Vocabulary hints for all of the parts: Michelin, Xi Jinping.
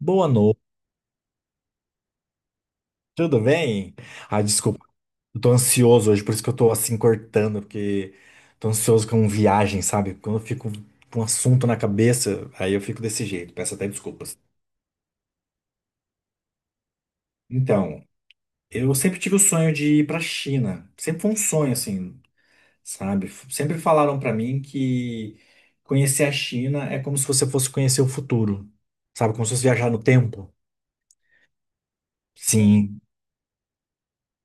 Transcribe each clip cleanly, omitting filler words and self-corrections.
Boa noite, tudo bem? Ah, desculpa, eu tô ansioso hoje, por isso que eu tô assim cortando, porque tô ansioso com viagem, sabe? Quando eu fico com um assunto na cabeça, aí eu fico desse jeito, peço até desculpas. Então, eu sempre tive o sonho de ir pra China, sempre foi um sonho assim, sabe? Sempre falaram pra mim que conhecer a China é como se você fosse conhecer o futuro, sabe? Como se fosse viajar no tempo. Sim,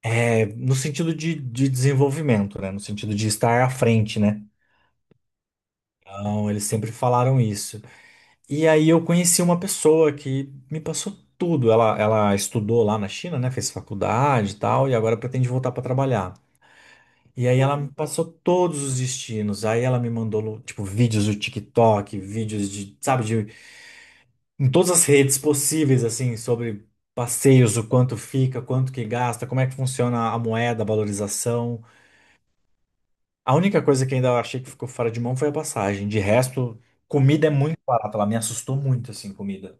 é no sentido de desenvolvimento, né? No sentido de estar à frente, né? Não, eles sempre falaram isso. E aí eu conheci uma pessoa que me passou tudo. Ela estudou lá na China, né? Fez faculdade e tal, e agora pretende voltar para trabalhar. E aí ela me passou todos os destinos. Aí ela me mandou, tipo, vídeos do TikTok, vídeos de, sabe, de, em todas as redes possíveis, assim, sobre passeios, o quanto fica, quanto que gasta, como é que funciona a moeda, a valorização. A única coisa que ainda eu achei que ficou fora de mão foi a passagem. De resto, comida é muito barata. Ela me assustou muito, assim, comida.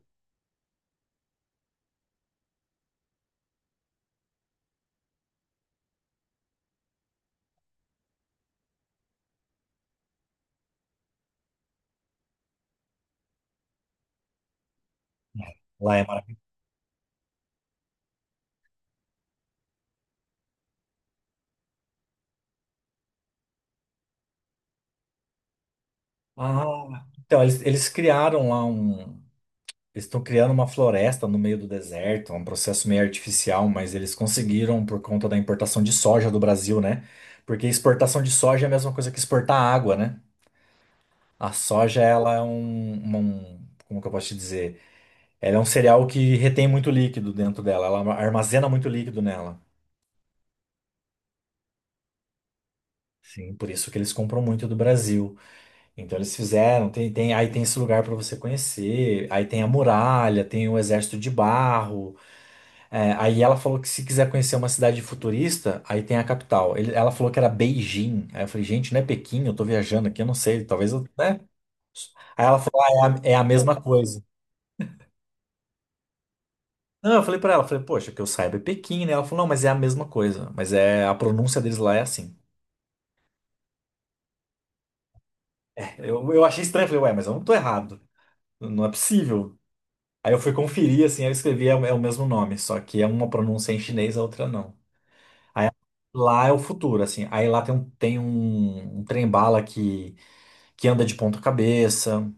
Lá é maravilhoso. Ah, então, eles criaram lá um. Eles estão criando uma floresta no meio do deserto, um processo meio artificial, mas eles conseguiram por conta da importação de soja do Brasil, né? Porque exportação de soja é a mesma coisa que exportar água, né? A soja, ela é como que eu posso te dizer? Ela é um cereal que retém muito líquido dentro dela, ela armazena muito líquido nela. Sim, por isso que eles compram muito do Brasil. Então eles fizeram, aí tem esse lugar para você conhecer, aí tem a muralha, tem o exército de barro. É, aí ela falou que se quiser conhecer uma cidade futurista, aí tem a capital. Ela falou que era Beijing. Aí eu falei, gente, não é Pequim, eu tô viajando aqui, eu não sei, talvez eu, né? Aí ela falou, ah, é a mesma coisa. Não, eu falei para ela, eu falei, poxa, que eu saiba é Pequim, né? Ela falou, não, mas é a mesma coisa, mas é a pronúncia deles lá é assim. Eu achei estranho, falei, ué, mas eu não tô errado, não é possível. Aí eu fui conferir, assim, eu escrevi é o mesmo nome, só que é uma pronúncia em chinês, a outra não. Lá é o futuro, assim. Aí lá um trem-bala que, anda de ponta cabeça.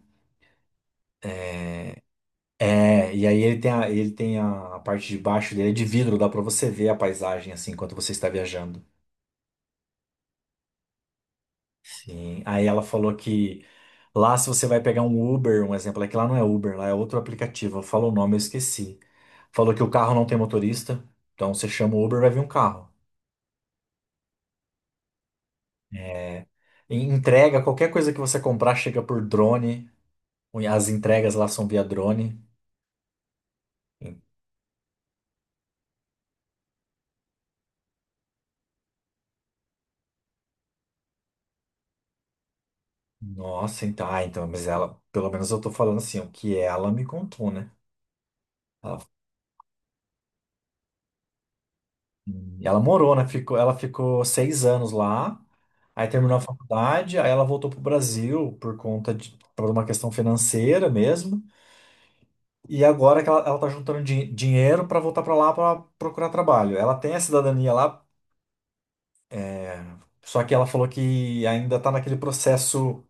É, e aí a parte de baixo dele é de vidro, dá pra você ver a paisagem, assim, enquanto você está viajando. Sim. Aí ela falou que lá se você vai pegar um Uber, um exemplo, é que lá não é Uber, lá é outro aplicativo. Falou o nome, eu esqueci. Falou que o carro não tem motorista, então você chama o Uber, vai vir um carro. Entrega, qualquer coisa que você comprar chega por drone. As entregas lá são via drone. Nossa, então, ah, então, mas ela, pelo menos eu tô falando assim, o que ela me contou, né? Ela, ela morou, né? Ela ficou 6 anos lá, aí terminou a faculdade, aí ela voltou pro Brasil por conta de, por uma questão financeira mesmo. E agora que ela tá juntando dinheiro pra voltar pra lá pra procurar trabalho. Ela tem a cidadania lá, só que ela falou que ainda tá naquele processo.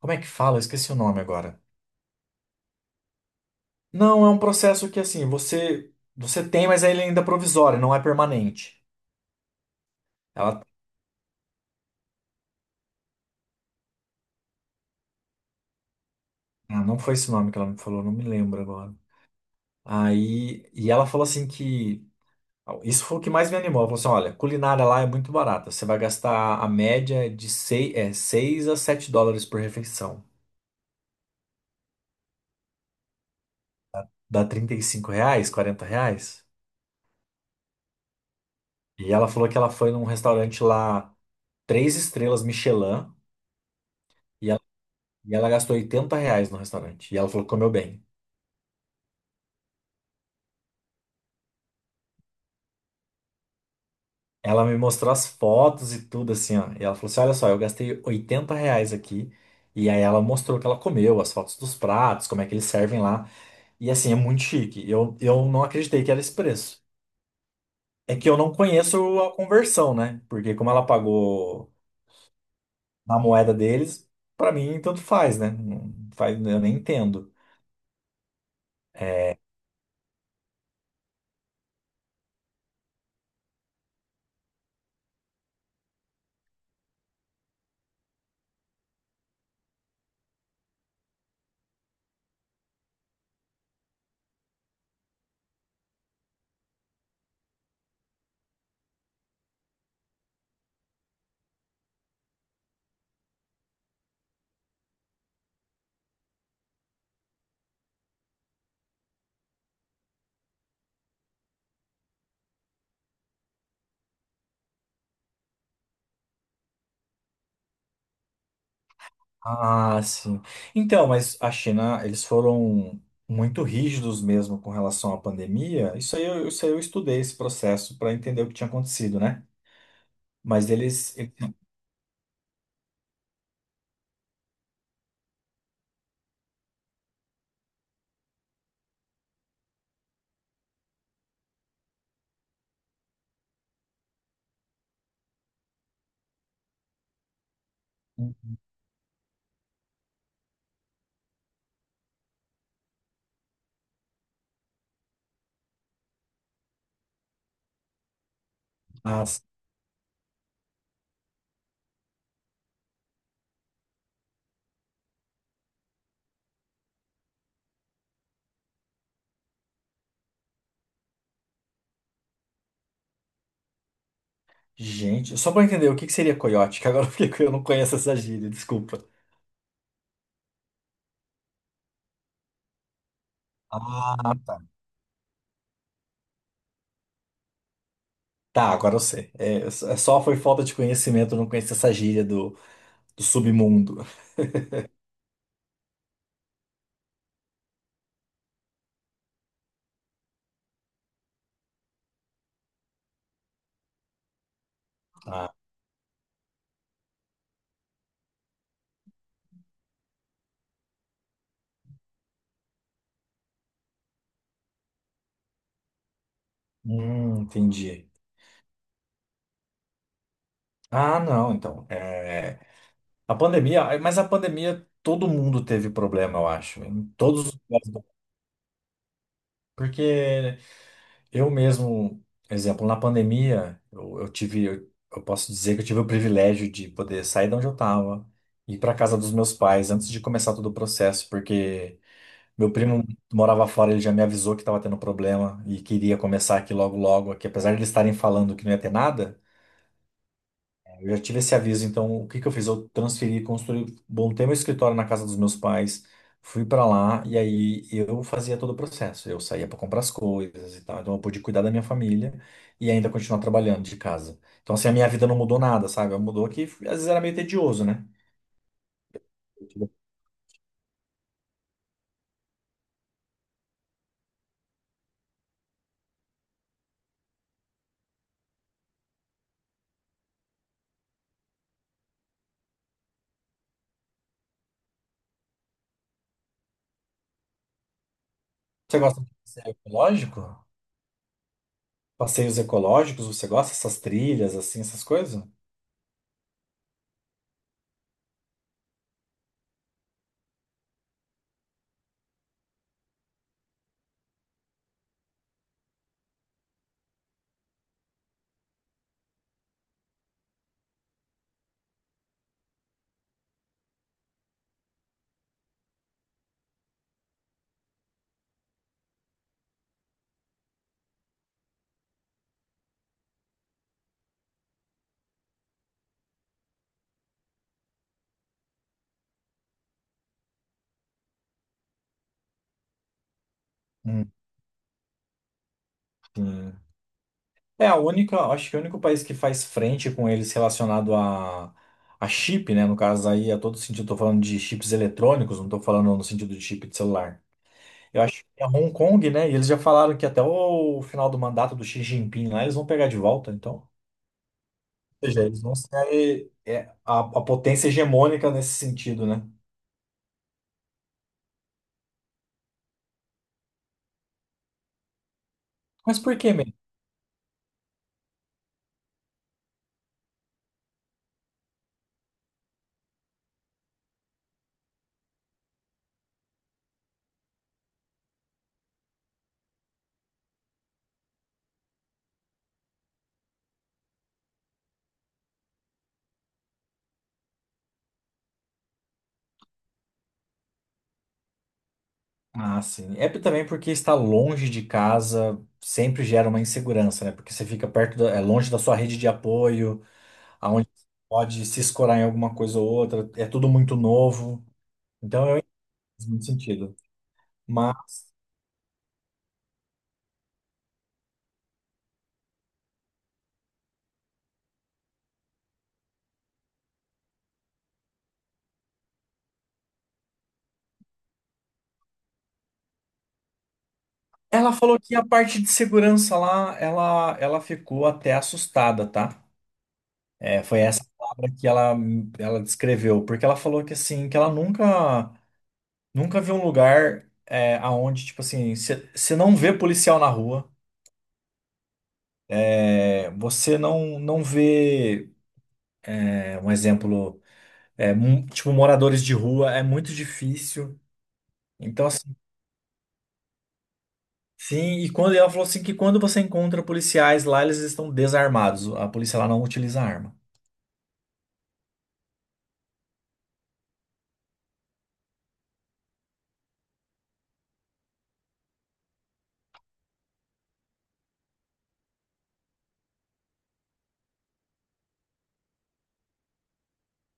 Como é que fala? Eu esqueci o nome agora. Não, é um processo que assim, você tem, mas ele ainda é provisório, não é permanente. Ela ah, não foi esse nome que ela me falou, não me lembro agora. Aí, e ela falou assim que isso foi o que mais me animou. Ela falou assim, olha, culinária lá é muito barata. Você vai gastar a média de 6, é, 6 a 7 dólares por refeição. Dá 35 reais, 40 reais. E ela falou que ela foi num restaurante lá, 3 estrelas Michelin, e ela gastou 80 reais no restaurante. E ela falou que comeu bem. Ela me mostrou as fotos e tudo assim, ó. E ela falou assim: Olha só, eu gastei 80 reais aqui. E aí ela mostrou o que ela comeu, as fotos dos pratos, como é que eles servem lá. E assim, é muito chique. Eu não acreditei que era esse preço. É que eu não conheço a conversão, né? Porque como ela pagou na moeda deles, pra mim tanto faz, né? Não faz, eu nem entendo. Ah, sim. Então, mas a China, eles foram muito rígidos mesmo com relação à pandemia. Isso aí eu estudei esse processo para entender o que tinha acontecido, né? Mas Ah, gente, só para entender o que que seria coiote, que agora eu não conheço essa gíria, desculpa. Ah, tá. Tá, agora eu sei. É, só foi falta de conhecimento, eu não conhecia essa gíria do, submundo. Tá. Entendi. Ah, não, então. A pandemia, mas a pandemia todo mundo teve problema, eu acho, em todos os lugares do- Porque eu mesmo, exemplo, na pandemia, eu tive, eu posso dizer que eu tive o privilégio de poder sair de onde eu estava, ir para casa dos meus pais antes de começar todo o processo, porque meu primo morava fora, ele já me avisou que estava tendo problema e queria começar aqui logo logo, aqui, apesar de eles estarem falando que não ia ter nada. Eu já tive esse aviso, então o que que eu fiz? Eu transferi, construí, montei meu escritório na casa dos meus pais, fui pra lá e aí eu fazia todo o processo. Eu saía pra comprar as coisas e tal, então eu pude cuidar da minha família e ainda continuar trabalhando de casa. Então assim, a minha vida não mudou nada, sabe? Mudou que às vezes era meio tedioso, né? Você gosta de passeio ecológico? Passeios ecológicos, você gosta dessas trilhas, assim, essas coisas? Hum, sim. É a única, acho que o único país que faz frente com eles relacionado a chip, né? No caso aí, a todo sentido, estou falando de chips eletrônicos, não estou falando no sentido de chip de celular. Eu acho que é Hong Kong, né? E eles já falaram que até o final do mandato do Xi Jinping lá, eles vão pegar de volta, então. Ou seja, eles vão ser a potência hegemônica nesse sentido, né? Mas por que mesmo? Ah, sim. Também porque estar longe de casa sempre gera uma insegurança, né? Porque você fica perto da, é longe da sua rede de apoio. Aonde pode se escorar em alguma coisa ou outra, é tudo muito novo. Então eu entendo muito sentido. Mas ela falou que a parte de segurança lá, ela ficou até assustada, tá? É, foi essa palavra que ela descreveu, porque ela falou que assim, que ela nunca, nunca viu um lugar aonde, tipo assim, você não vê policial na rua, você não vê, um exemplo, tipo, moradores de rua, é muito difícil. Então, assim, sim, e quando ela falou assim que quando você encontra policiais lá, eles estão desarmados. A polícia lá não utiliza arma.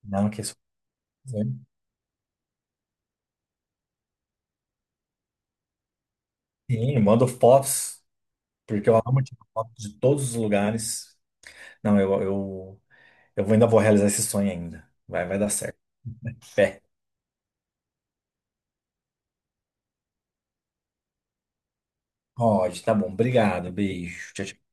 Não, que isso. Sim, eu mando fotos, porque eu amo tirar fotos de todos os lugares. Não, ainda vou realizar esse sonho ainda. Vai, vai dar certo. Fé. Pode, tá bom. Obrigado. Beijo. Tchau, tchau.